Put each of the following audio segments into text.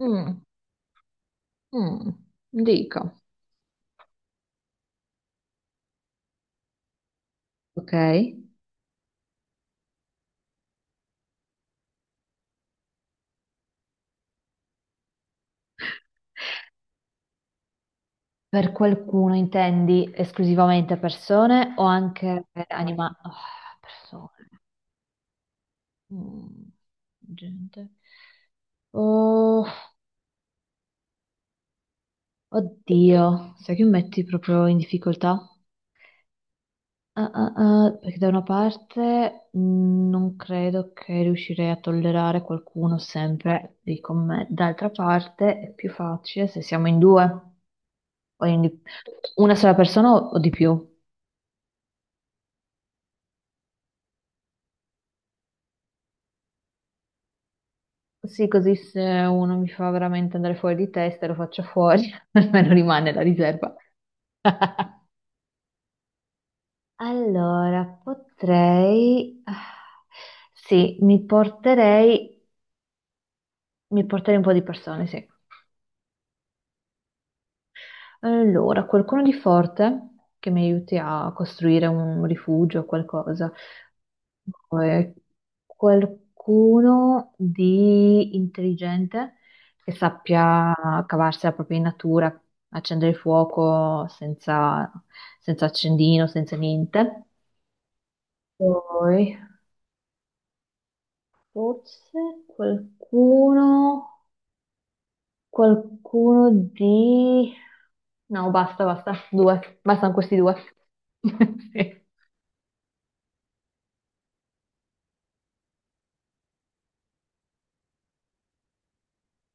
Mm, mm, dica. Ok? Per qualcuno intendi esclusivamente persone o anche animali? Persone. Mm, gente. Oh, oddio, sai che mi metti proprio in difficoltà? Ah, ah, ah, perché da una parte non credo che riuscirei a tollerare qualcuno sempre lì con me, d'altra parte è più facile se siamo in due, o in di- una sola persona o di più. Sì, così se uno mi fa veramente andare fuori di testa, lo faccio fuori, almeno rimane la riserva. Allora, potrei... sì, mi porterei un po' di persone, sì. Allora, qualcuno di forte che mi aiuti a costruire un rifugio o qualcosa. Poi qualcuno di intelligente che sappia cavarsi la propria in natura, accendere il fuoco senza, senza accendino, senza niente. Poi forse qualcuno, qualcuno di... No, basta, basta, due, bastano questi due. Sì.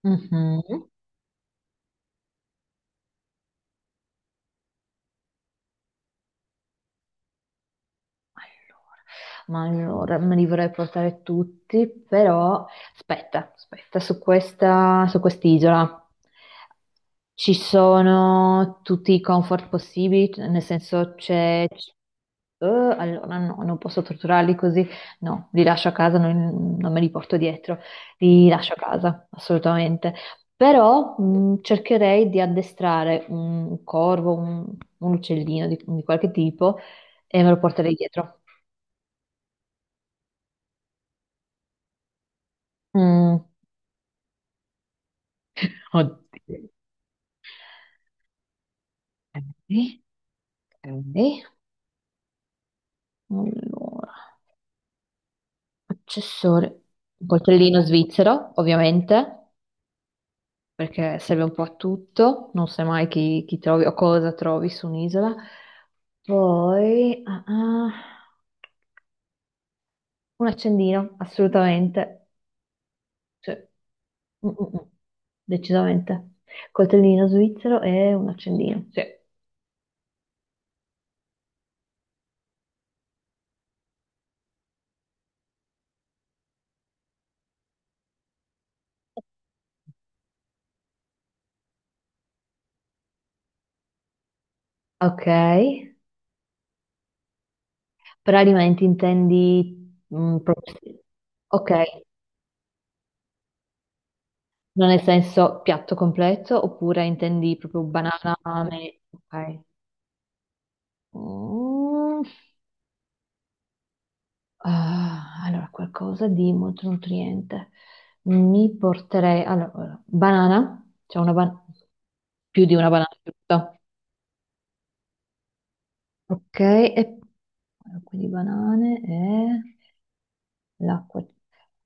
Mhm. Allora, ma allora me li vorrei portare tutti, però aspetta, aspetta, su quest'isola ci sono tutti i comfort possibili, nel senso allora no, non posso torturarli così, no, li lascio a casa, non me li porto dietro, li lascio a casa, assolutamente. Però cercherei di addestrare un corvo, un uccellino di qualche tipo e me lo porterei dietro. Mm. Oddio. Ok. Ok. Allora, accessori. Un coltellino svizzero, ovviamente, perché serve un po' a tutto, non sai mai chi, chi trovi o cosa trovi su un'isola. Poi un accendino, assolutamente. Cioè, mm, mm, mm, decisamente. Coltellino svizzero e un accendino. Sì. Ok. Per alimenti intendi... sì. Ok, non nel senso piatto completo oppure intendi proprio banana, ok. Mm, allora, qualcosa di molto nutriente. Allora, allora, banana, c'è una banana, più di una banana, giusto? Ok, e allora, quindi banane e l'acqua.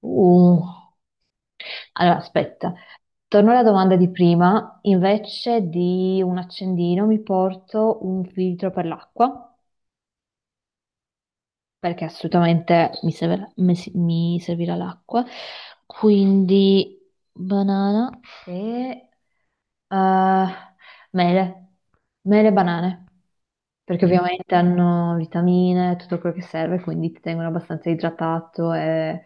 Uh, allora, aspetta. Torno alla domanda di prima, invece di un accendino mi porto un filtro per l'acqua, perché assolutamente mi serve- mi si- mi servirà l'acqua, quindi banana e eh, mele, mele e banane, perché ovviamente hanno vitamine, tutto quello che serve, quindi ti tengono abbastanza idratato e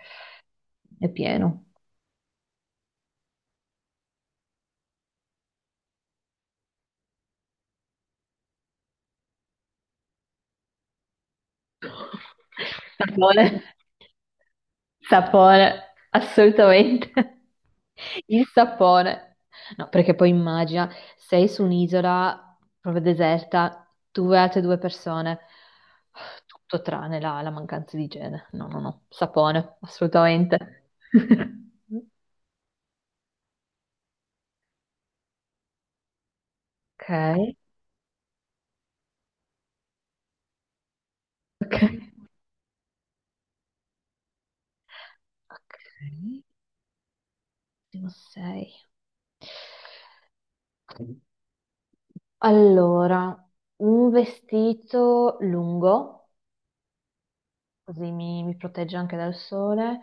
e pieno. Sapone, sapone, assolutamente. Il sapone. No, perché poi immagina, sei su un'isola proprio deserta, tu e altre due persone, tutto tranne la mancanza di igiene. No, no, no, sapone, assolutamente. Ok, ok, ok, ultimo sei. Allora, un vestito lungo, così mi protegge anche dal sole,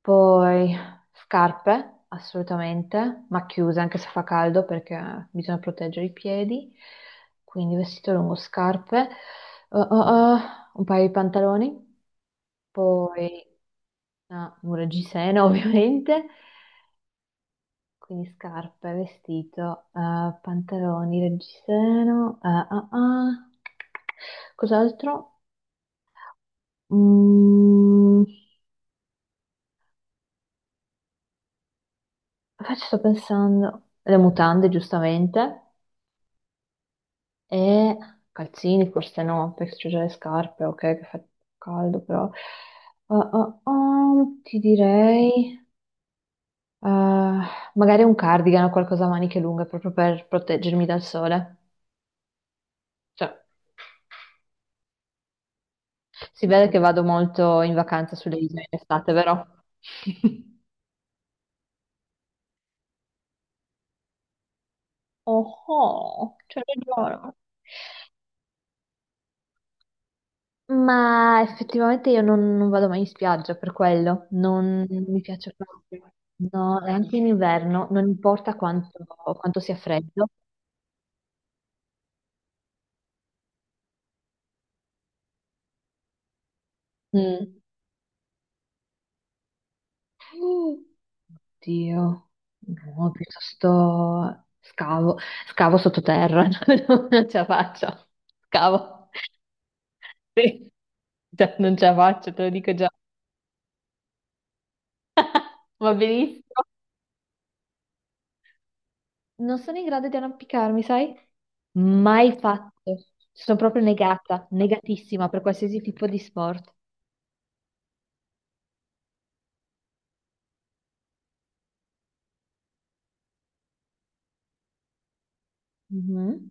poi scarpe, assolutamente, ma chiuse anche se fa caldo perché bisogna proteggere i piedi, quindi vestito lungo, scarpe, Uh, uh, uh, un paio di pantaloni, poi un reggiseno ovviamente, quindi scarpe, vestito, pantaloni, reggiseno, ah. Cos'altro? Mm, poi ci sto pensando. Le mutande, giustamente, e calzini, forse no, perché c'ho già le scarpe, ok, che fa caldo, però. Ti direi, eh, magari un cardigan o qualcosa a maniche lunghe proprio per proteggermi dal sole. Cioè, si vede che vado molto in vacanza sulle isole in estate, vero? Oh, oh, ce l'ho giuro. Ma effettivamente io non vado mai in spiaggia per quello, non mi piace proprio. No, e anche in inverno, non importa quanto sia freddo. Mm. Dio, no, piuttosto scavo, scavo sottoterra, no, non ce la faccio. Scavo, sì. Cioè, non ce la faccio, te lo dico già. Va benissimo. Non sono in grado di arrampicarmi, sai? Mai fatto. Sono proprio negata, negatissima per qualsiasi tipo di sport. Mhm.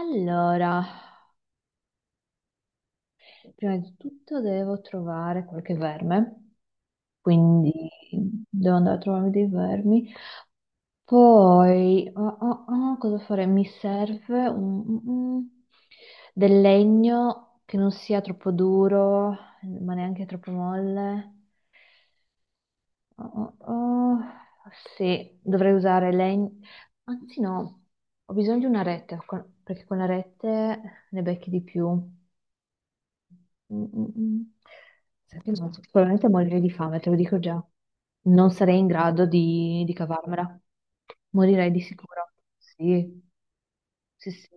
Allora, prima di tutto devo trovare qualche verme, quindi devo andare a trovarmi dei vermi. Poi, cosa fare? Mi serve del legno che non sia troppo duro, ma neanche troppo molle. Oh, oh, oh. Sì, dovrei usare legno. Anzi, no, ho bisogno di una rete perché con la rete ne becchi di più. Mm, mm, mm. Senti, no, sicuramente morirei di fame, te lo dico già. Non sarei in grado di cavarmela. Morirei di sicuro. Sì, sì, sì.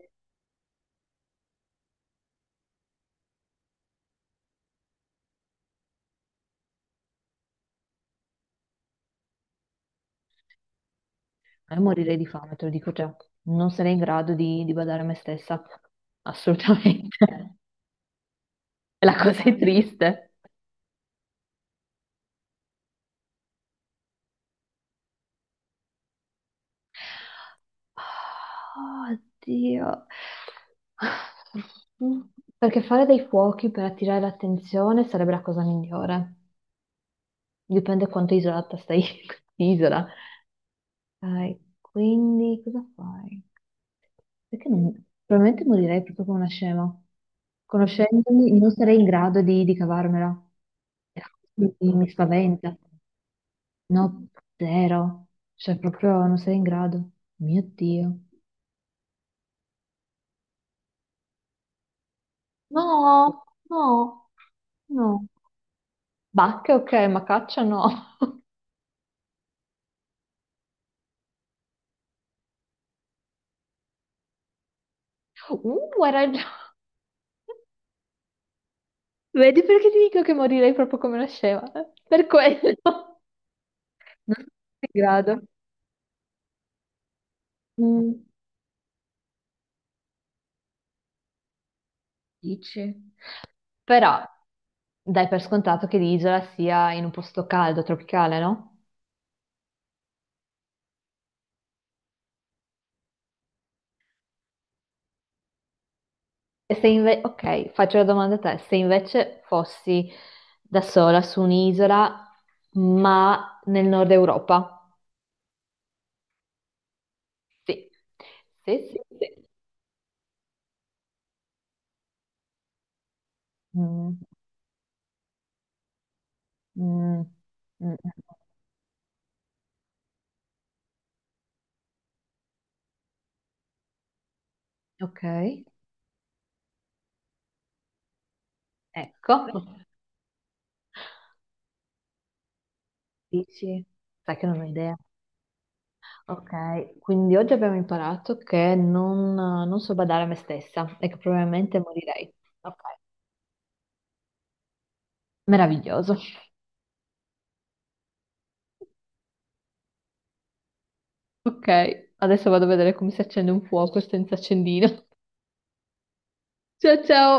Morirei di fame, te lo dico già. Non sarei in grado di badare a me stessa. Assolutamente. La cosa è triste. Ah, Oddio. Perché fare dei fuochi per attirare l'attenzione sarebbe la cosa migliore. Dipende quanto isolata stai in isola. Ok, quindi cosa fai? Perché non... Probabilmente morirei proprio come una scema. Conoscendomi, non sarei in grado di cavarmela. Mi spaventa. No, zero. Cioè, proprio non sarei in grado. Mio Dio. No, no, no. Bacche, ok, ma caccia no. Hai ragione. Vedi perché ti dico che morirei proprio come nasceva? Eh? Per quello. Non sono in grado. Mm. Dici? Però dai per scontato che l'isola sia in un posto caldo, tropicale, no? E se invece, ok, faccio la domanda a te, se invece fossi da sola su un'isola, ma nel nord Europa? Sì, sì, sì, sì. Mm. Mm, mm, ok, ecco, dici, sai che non ho idea. Ok, quindi oggi abbiamo imparato che non so badare a me stessa e che probabilmente morirei. Ok, meraviglioso. Ok, adesso vado a vedere come si accende un fuoco senza accendino. Ciao ciao!